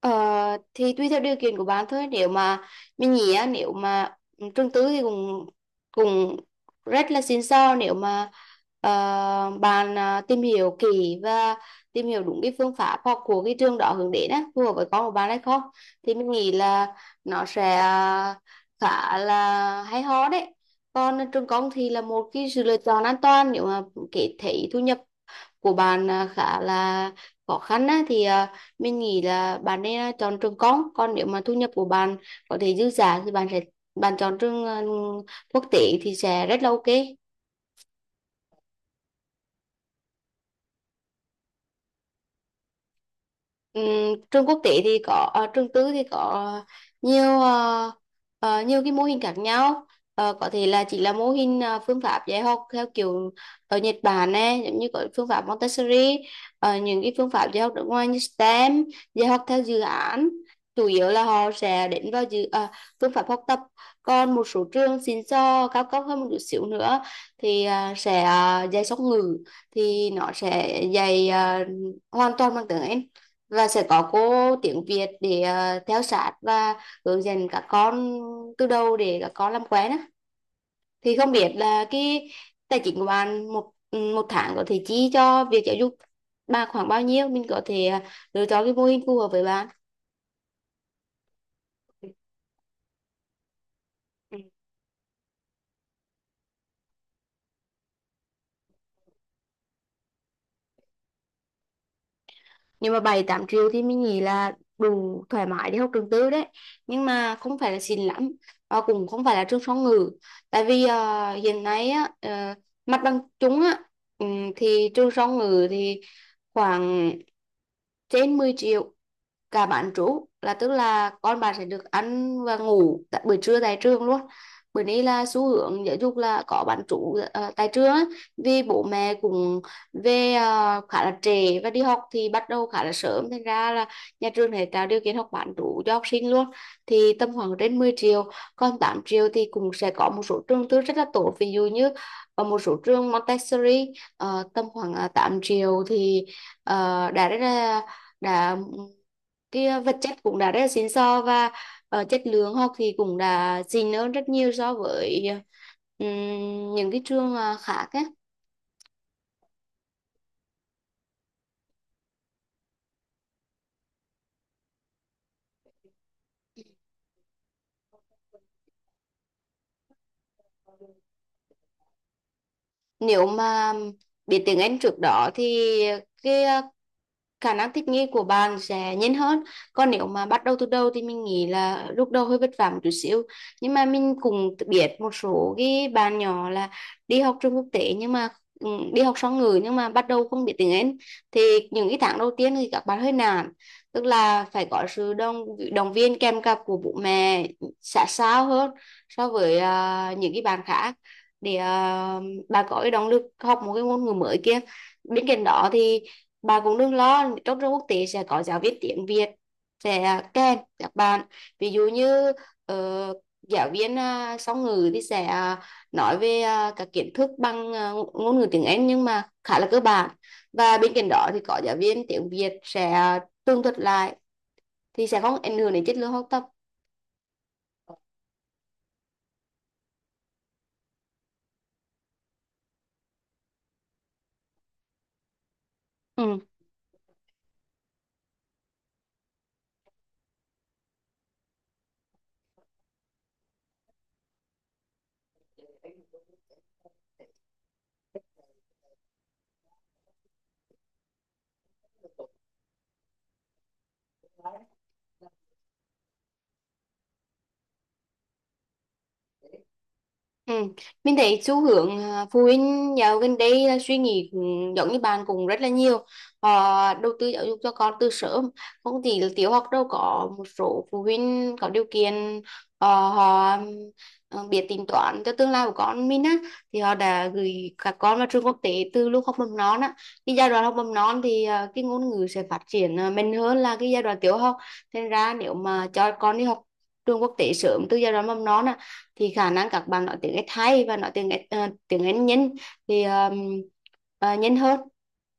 Ờ, thì tùy theo điều kiện của bạn thôi. Nếu mà mình nghĩ á, nếu mà trường tư thì cũng cũng rất là xịn sò, nếu mà ờ, bạn tìm hiểu kỹ và tìm hiểu đúng cái phương pháp học của cái trường đó hướng đến á, phù hợp với con của bạn hay không thì mình nghĩ là nó sẽ khá là hay ho đấy. Còn trường công thì là một cái sự lựa chọn an toàn, nếu mà kể thấy thu nhập của bạn khá là khó khăn á, thì mình nghĩ là bạn nên chọn trường công. Còn nếu mà thu nhập của bạn có thể dư giả thì bạn chọn trường quốc tế thì sẽ rất là ok. Ừm, trường quốc tế thì có, trường tư thì có nhiều, nhiều cái mô hình khác nhau. Ờ, có thể là chỉ là mô hình, phương pháp dạy học theo kiểu ở Nhật Bản này, giống như có phương pháp Montessori, những cái phương pháp dạy học nước ngoài như STEM, dạy học theo dự án, chủ yếu là họ sẽ đến vào dự phương pháp học tập. Còn một số trường xịn sò cao cấp hơn một chút xíu nữa thì sẽ dạy song ngữ, thì nó sẽ dạy hoàn toàn bằng tiếng Anh, và sẽ có cô tiếng Việt để theo sát và hướng dẫn các con từ đầu để các con làm quen á. Thì không biết là cái tài chính của bạn một một tháng có thể chi cho việc giáo dục bà khoảng bao nhiêu, mình có thể lựa chọn cái mô hình phù hợp với bạn. Nhưng mà bảy tám triệu thì mình nghĩ là đủ thoải mái để học trường tư đấy, nhưng mà không phải là xịn lắm và cũng không phải là trường song ngữ. Tại vì hiện nay á, mặt bằng chung á, thì trường song ngữ thì khoảng trên 10 triệu, cả bán trú, là tức là con bạn sẽ được ăn và ngủ tại buổi trưa tại trường luôn. Bữa nay là xu hướng giáo dục là có bán trú tại trường á, vì bố mẹ cũng về khá là trễ và đi học thì bắt đầu khá là sớm, thành ra là nhà trường sẽ tạo điều kiện học bán trú cho học sinh luôn, thì tầm khoảng trên 10 triệu. Còn 8 triệu thì cũng sẽ có một số trường tư rất là tốt, ví dụ như ở một số trường Montessori, tầm khoảng triệu thì đã rất là đã cái vật chất cũng đã rất là xịn sò, và chất lượng học thì cũng đã xịn hơn rất nhiều so với ừm, những cái trường khác. Á, nếu mà biết tiếng Anh trước đó thì cái khả năng thích nghi của bạn sẽ nhanh hơn. Còn nếu mà bắt đầu từ đầu thì mình nghĩ là lúc đầu hơi vất vả một chút xíu. Nhưng mà mình cũng biết một số cái bạn nhỏ là đi học trường quốc tế, nhưng mà ừ, đi học song ngữ nhưng mà bắt đầu không biết tiếng Anh, thì những cái tháng đầu tiên thì các bạn hơi nản. Tức là phải có sự đồng động viên kèm cặp của bố mẹ sát sao hơn so với những cái bạn khác, để bà có cái động lực học một cái ngôn ngữ mới kia. Bên cạnh đó thì bà cũng đừng lo, trong trường quốc tế sẽ có giáo viên tiếng Việt sẽ kèm các bạn. Ví dụ như ờ, giáo viên song ngữ thì sẽ nói về các kiến thức bằng ngôn ngữ tiếng Anh nhưng mà khá là cơ bản, và bên cạnh đó thì có giáo viên tiếng Việt sẽ tường thuật lại, thì sẽ không ảnh hưởng đến chất lượng học tập. Ừ. Ừ, mình thấy xu hướng phụ huynh dạo gần đây là suy nghĩ cũng giống như bạn cũng rất là nhiều. Họ đầu tư giáo dục cho con từ sớm, không chỉ là tiểu học đâu. Có một số phụ huynh có điều kiện, họ biết tính toán cho tương lai của con mình á, thì họ đã gửi các con vào trường quốc tế từ lúc học mầm non á. Cái giai đoạn học mầm non thì cái ngôn ngữ sẽ phát triển mạnh hơn là cái giai đoạn tiểu học. Thành ra nếu mà cho con đi học trường quốc tế sớm từ giai đoạn mầm non á, thì khả năng các bạn nói tiếng Ét hay và nói tiếng Ét, tiếng Anh nhanh, thì nhanh hơn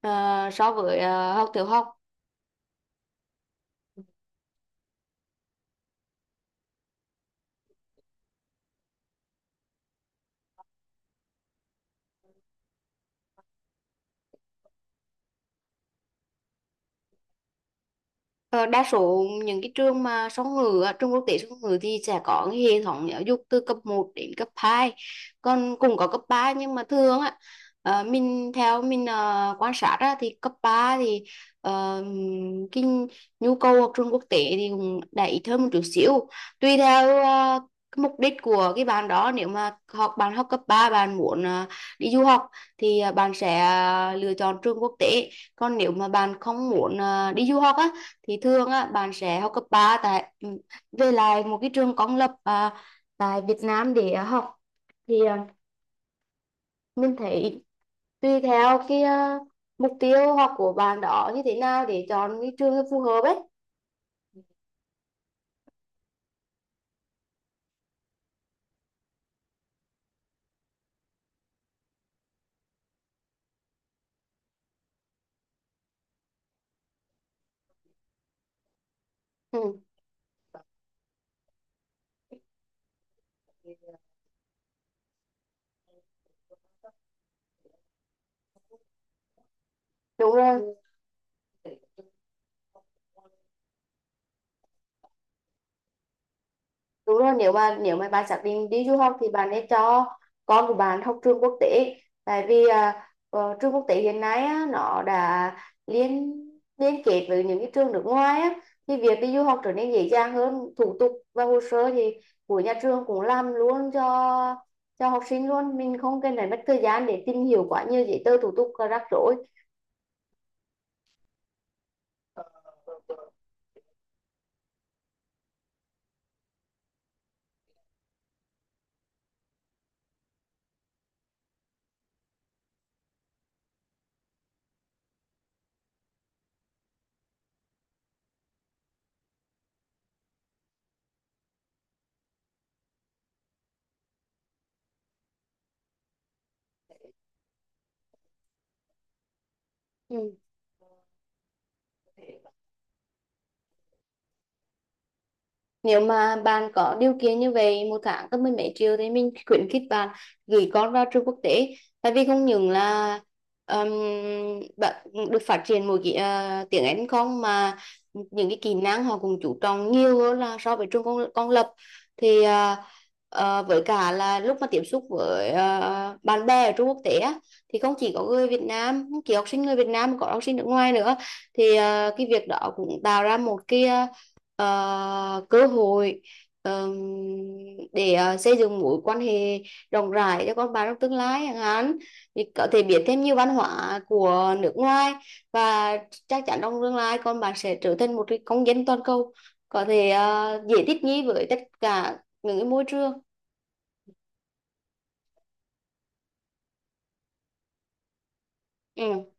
so với học tiểu học. Ờ, đa số những cái trường mà song ngữ á, trường quốc tế song ngữ thì sẽ có cái hệ thống giáo dục từ cấp một đến cấp 2, còn cũng có cấp 3 nhưng mà thường á, ờ, mình theo mình ờ, quan sát á, thì cấp 3 thì ờ, cái nhu cầu học trường quốc tế thì cũng đã ít hơn một chút xíu, tùy theo cái mục đích của cái bạn đó. Nếu mà học bạn học cấp 3 bạn muốn đi du học, thì bạn sẽ lựa chọn trường quốc tế. Còn nếu mà bạn không muốn đi du học á, thì thường á bạn sẽ học cấp 3 tại về lại một cái trường công lập tại Việt Nam để học, thì mình thấy tùy theo cái mục tiêu học của bạn đó như thế nào để chọn cái trường phù hợp ấy. Ừ, đúng rồi. Đúng rồi, nếu mà bạn xác định đi du học thì bạn nên cho con của bạn học trường quốc tế. Tại vì trường quốc tế hiện nay á, nó đã liên liên kết với những cái trường nước ngoài á, thì việc đi du học trở nên dễ dàng hơn. Thủ tục và hồ sơ thì của nhà trường cũng làm luôn cho học sinh luôn, mình không cần phải mất thời gian để tìm hiểu quá nhiều giấy tờ thủ tục và rắc rối. Ừ. Nếu mà bạn có điều kiện như vậy, một tháng có 10 mấy triệu, thì mình khuyến khích bạn gửi con vào trường quốc tế. Tại vì không những là, um, bạn được phát triển một cái tiếng Anh không, mà những cái kỹ năng họ cũng chú trọng nhiều hơn là so với trường công, công lập. Thì với cả là lúc mà tiếp xúc với bạn bè ở trường quốc tế á, thì không chỉ có người Việt Nam, không chỉ học sinh người Việt Nam mà có học sinh nước ngoài nữa, thì cái việc đó cũng tạo ra một cái cơ hội, ờm, để xây dựng mối quan hệ rộng rãi cho con bạn trong tương lai chẳng hạn, thì có thể biết thêm nhiều văn hóa của nước ngoài, và chắc chắn trong tương lai con bạn sẽ trở thành một cái công dân toàn cầu, có thể dễ thích nghi với tất cả những cái môi trường. Ừ.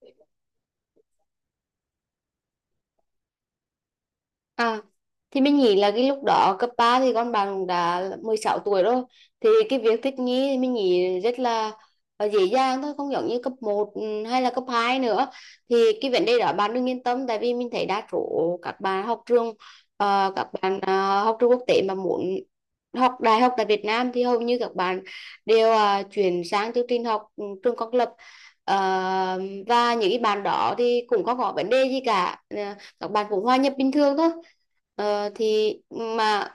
Ừ. À, thì mình nghĩ là cái lúc đó cấp 3 thì con bạn cũng đã 16 tuổi rồi, thì cái việc thích nghi thì mình nghĩ rất là dễ dàng thôi, không giống như cấp một ừ, hay là cấp 2 nữa. Thì cái vấn đề đó bạn đừng yên tâm, tại vì mình thấy đa số các bạn học trường, các bạn học trường quốc tế mà muốn học đại học tại Việt Nam thì hầu như các bạn đều chuyển sang chương trình học ừ, trường công lập. Ờ, và những cái bạn đó thì cũng không có vấn đề gì cả. Ờ, các bạn cũng hòa nhập bình thường thôi. Ờ, thì mà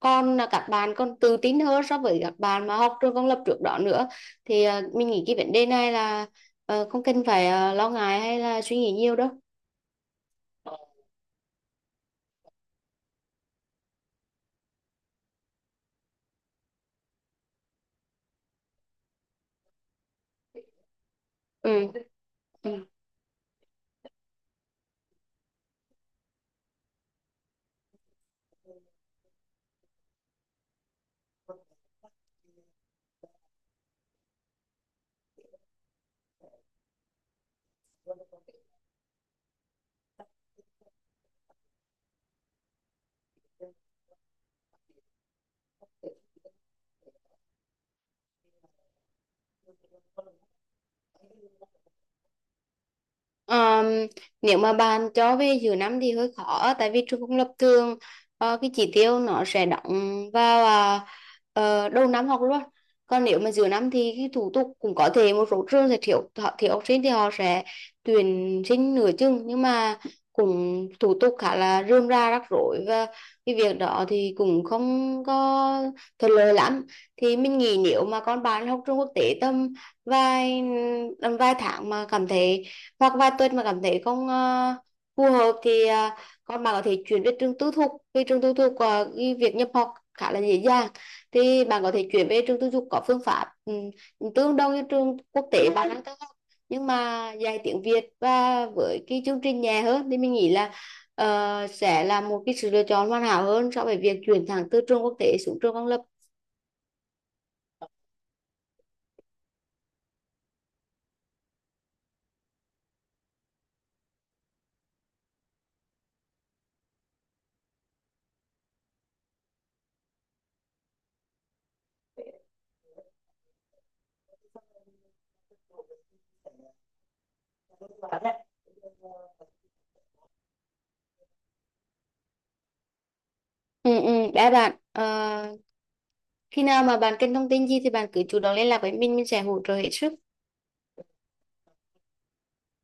con là các bạn còn tự tin hơn so với các bạn mà học trường công lập trước đó nữa. Thì mình nghĩ cái vấn đề này là không cần phải lo ngại hay là suy nghĩ nhiều đâu. Ừ. Ừ. Ờm, nếu mà bạn cho về giữa năm thì hơi khó, tại vì trường công lập thường cái chỉ tiêu nó sẽ đóng vào đầu năm học luôn. Còn nếu mà giữa năm thì cái thủ tục, cũng có thể một số trường sẽ thiếu, họ thiếu học sinh thì họ sẽ tuyển sinh nửa chừng, nhưng mà cũng thủ tục khá là rườm rà rắc rối, và cái việc đó thì cũng không có thuận lợi lắm. Thì mình nghĩ nếu mà con bạn học trường quốc tế tầm vài tầm vài tháng mà cảm thấy, hoặc vài tuần mà cảm thấy không phù hợp, thì con bạn có thể chuyển về trường tư thục, vì trường tư thục cái việc nhập học khá là dễ dàng. Thì bạn có thể chuyển về trường tư thục có phương pháp, tương đương như trường quốc tế bạn đang theo học, nhưng mà dạy tiếng Việt và với cái chương trình nhẹ hơn, thì mình nghĩ là sẽ là một cái sự lựa chọn hoàn hảo hơn so với việc chuyển thẳng từ trường quốc tế xuống trường công lập. Ừ, ừ, đã bạn. Ờ, khi nào mà bạn cần thông tin gì thì bạn cứ chủ động liên lạc với mình sẽ hỗ trợ hết sức.